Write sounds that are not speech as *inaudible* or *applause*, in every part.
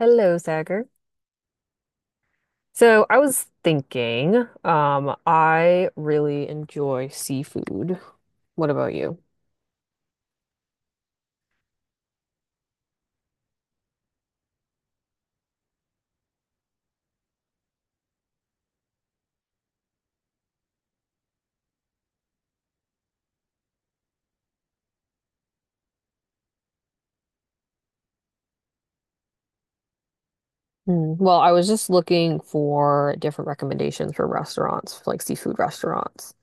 Hello, Sagar. So I was thinking, I really enjoy seafood. What about you? Hmm. Well, I was just looking for different recommendations for restaurants, like seafood restaurants.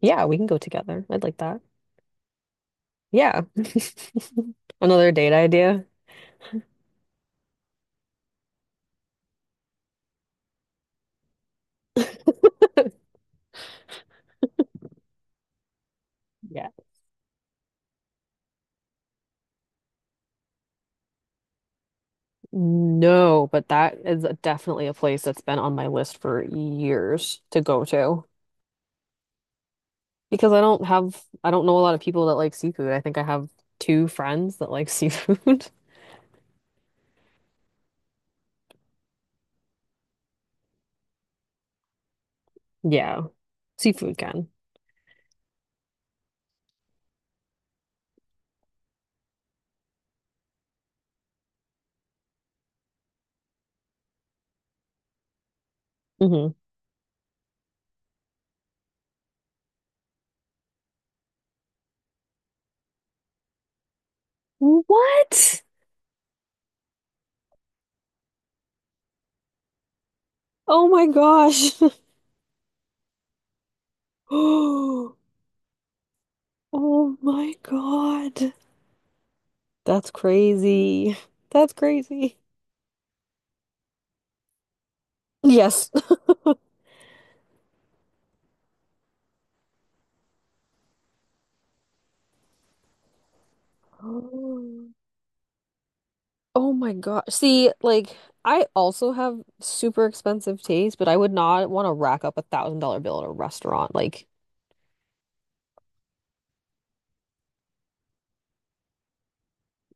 Yeah, we can go together. I'd like that. Yeah. *laughs* Another date idea. Yeah. No, but that is definitely a place that's been on my list for years to go to. Because I don't have, I don't know a lot of people that like seafood. I think I have two friends that like seafood. *laughs* Yeah, seafood can. Hmm. What? Oh my gosh. *laughs* *gasps* Oh my God. That's crazy. That's crazy. Yes. *gasps* Oh, oh my gosh. See, like, I also have super expensive taste, but I would not want to rack up a $1,000 bill at a restaurant. Like,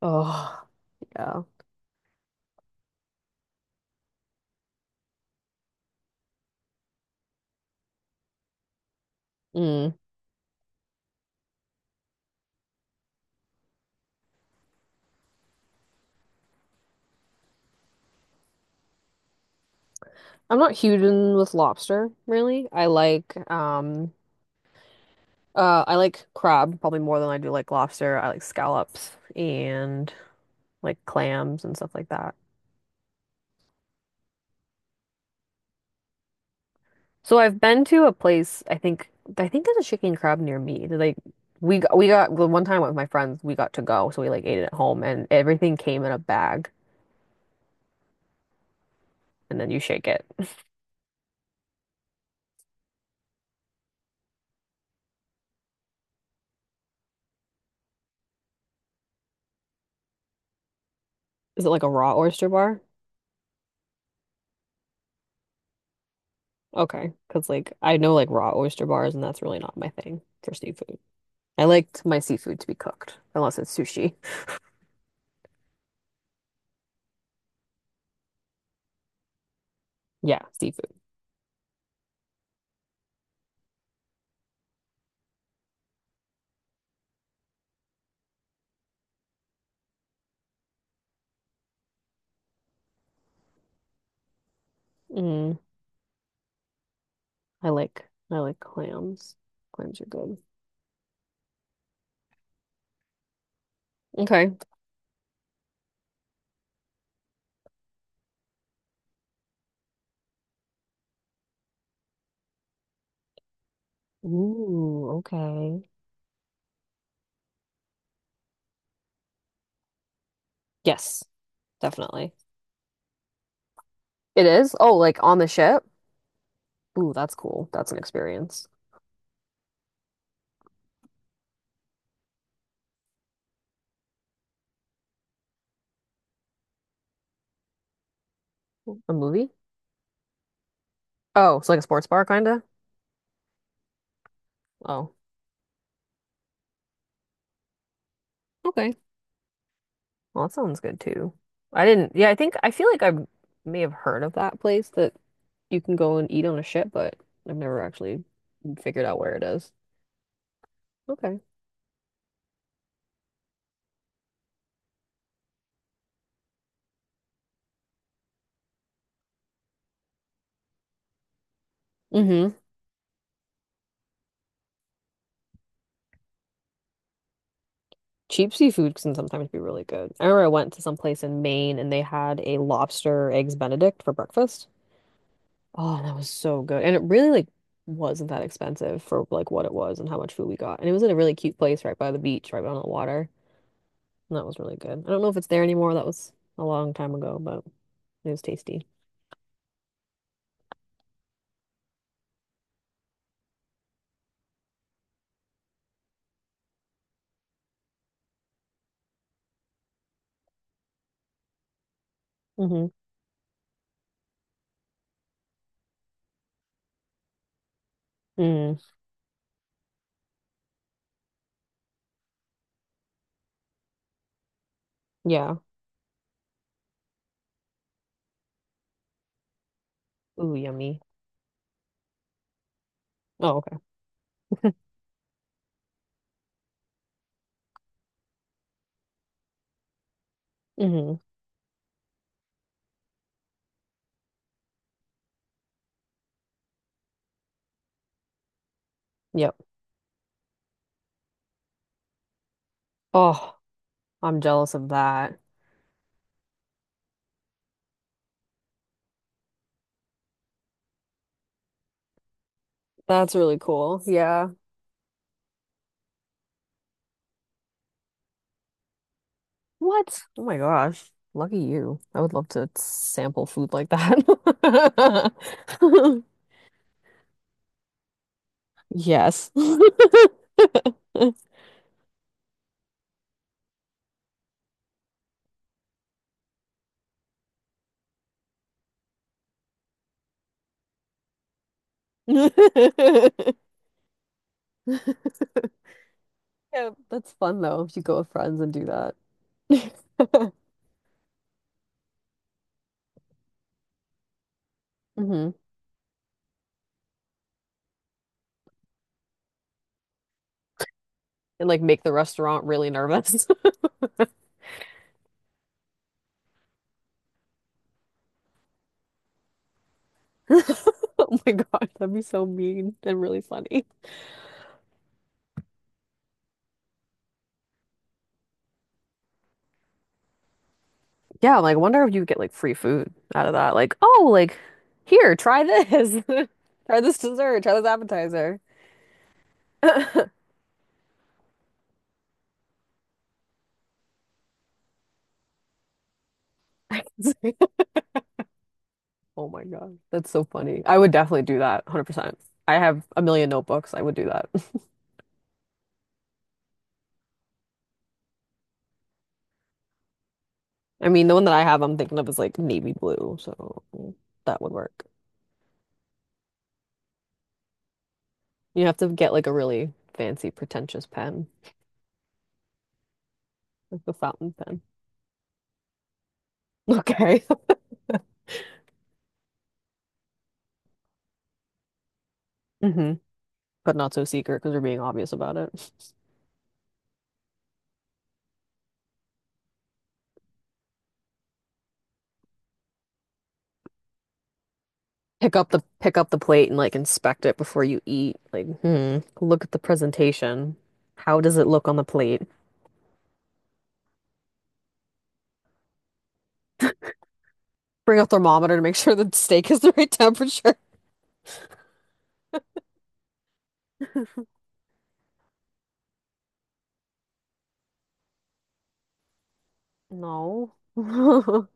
oh, yeah. Mm. I'm not huge in with lobster, really. I like crab probably more than I do like lobster. I like scallops and like clams and stuff like that. So I've been to a place, I think there's a chicken and crab near me. They're like we got the one time with my friends, we got to go, so we like ate it at home and everything came in a bag and then you shake it. *laughs* Is it like a raw oyster bar? Okay, 'cause like I know like raw oyster bars and that's really not my thing for seafood. I liked my seafood to be cooked, unless it's sushi. *laughs* Yeah, seafood. Mm, I like clams. Clams are good. Okay. Ooh, okay. Yes, definitely. It is? Oh, like on the ship? Ooh, that's cool. That's an experience. A movie? Oh, it's like a sports bar kinda? Oh, okay. Well, that sounds good too. I didn't, yeah, I think I feel like I may have heard of that place that you can go and eat on a ship, but I've never actually figured out where it is. Okay. Mm-hmm. Cheap seafood can sometimes be really good. I remember I went to some place in Maine and they had a lobster eggs Benedict for breakfast. Oh, that was so good. And it really like wasn't that expensive for like what it was and how much food we got. And it was in a really cute place right by the beach, right by the water. And that was really good. I don't know if it's there anymore. That was a long time ago, but it was tasty. Mm-hmm. Mm. Yeah. Ooh, yummy. Oh, okay. Mm-hmm. Yep. Oh, I'm jealous of that. That's really cool. Yeah. What? Oh my gosh. Lucky you. I would love to sample food like that. *laughs* Yes. *laughs* Yeah, that's fun though, if you go with friends and do that. *laughs* Hmm. And like make the restaurant really nervous. *laughs* Oh my gosh, that'd be so mean and really funny. Yeah, I'm like, I wonder if you get like free food out of that. Like, oh, like here, try this. *laughs* Try this dessert, try this appetizer. *laughs* *laughs* Oh my God. That's so funny. I would definitely do that 100%. I have a million notebooks. I would do that. *laughs* I mean, the one that I have, I'm thinking of is like navy blue. So that would work. You have to get like a really fancy, pretentious pen, like a fountain pen. *laughs* Okay. *laughs* Hmm. But not so secret because we're being obvious about it. *laughs* Pick up the plate and like inspect it before you eat. Like, hmm, look at the presentation. How does it look on the plate? Bring a thermometer to make sure the steak is the right temperature. *laughs* No. *laughs*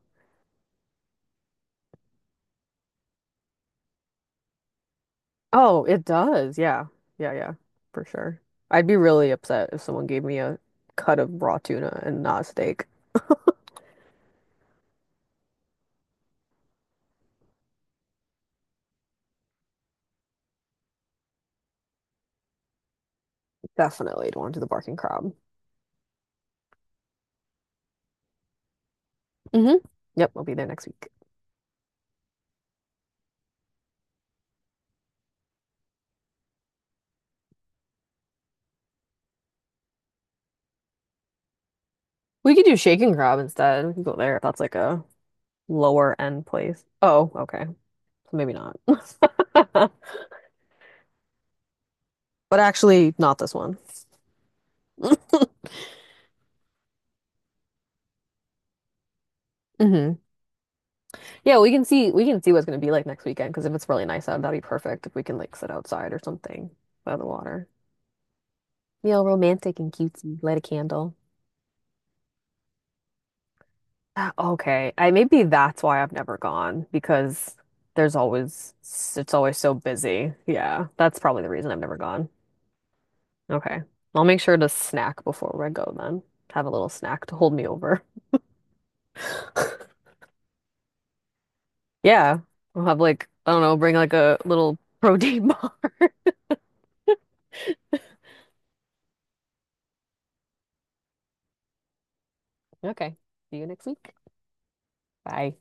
Oh, it does. Yeah. Yeah, yeah. For sure. I'd be really upset if someone gave me a cut of raw tuna and not a steak. Definitely don't want to do the barking crab. Hmm. Yep, I'll be there next week. We could do shaking crab instead. We could go there if that's like a lower end place. Oh, okay. So maybe not. *laughs* But actually, not this one. *laughs* Hmm. Yeah, we can see what's gonna be like next weekend because if it's really nice out, that'd be perfect if we can like sit outside or something by the water. Real romantic and cutesy. Light a candle. Ah, okay, I maybe that's why I've never gone because there's always it's always so busy. Yeah, that's probably the reason I've never gone. Okay. I'll make sure to snack before I go then. Have a little snack to hold me over. *laughs* Yeah. I'll have like, I don't know, bring like a little protein *laughs* bar. *laughs* Okay. See you next week. Bye.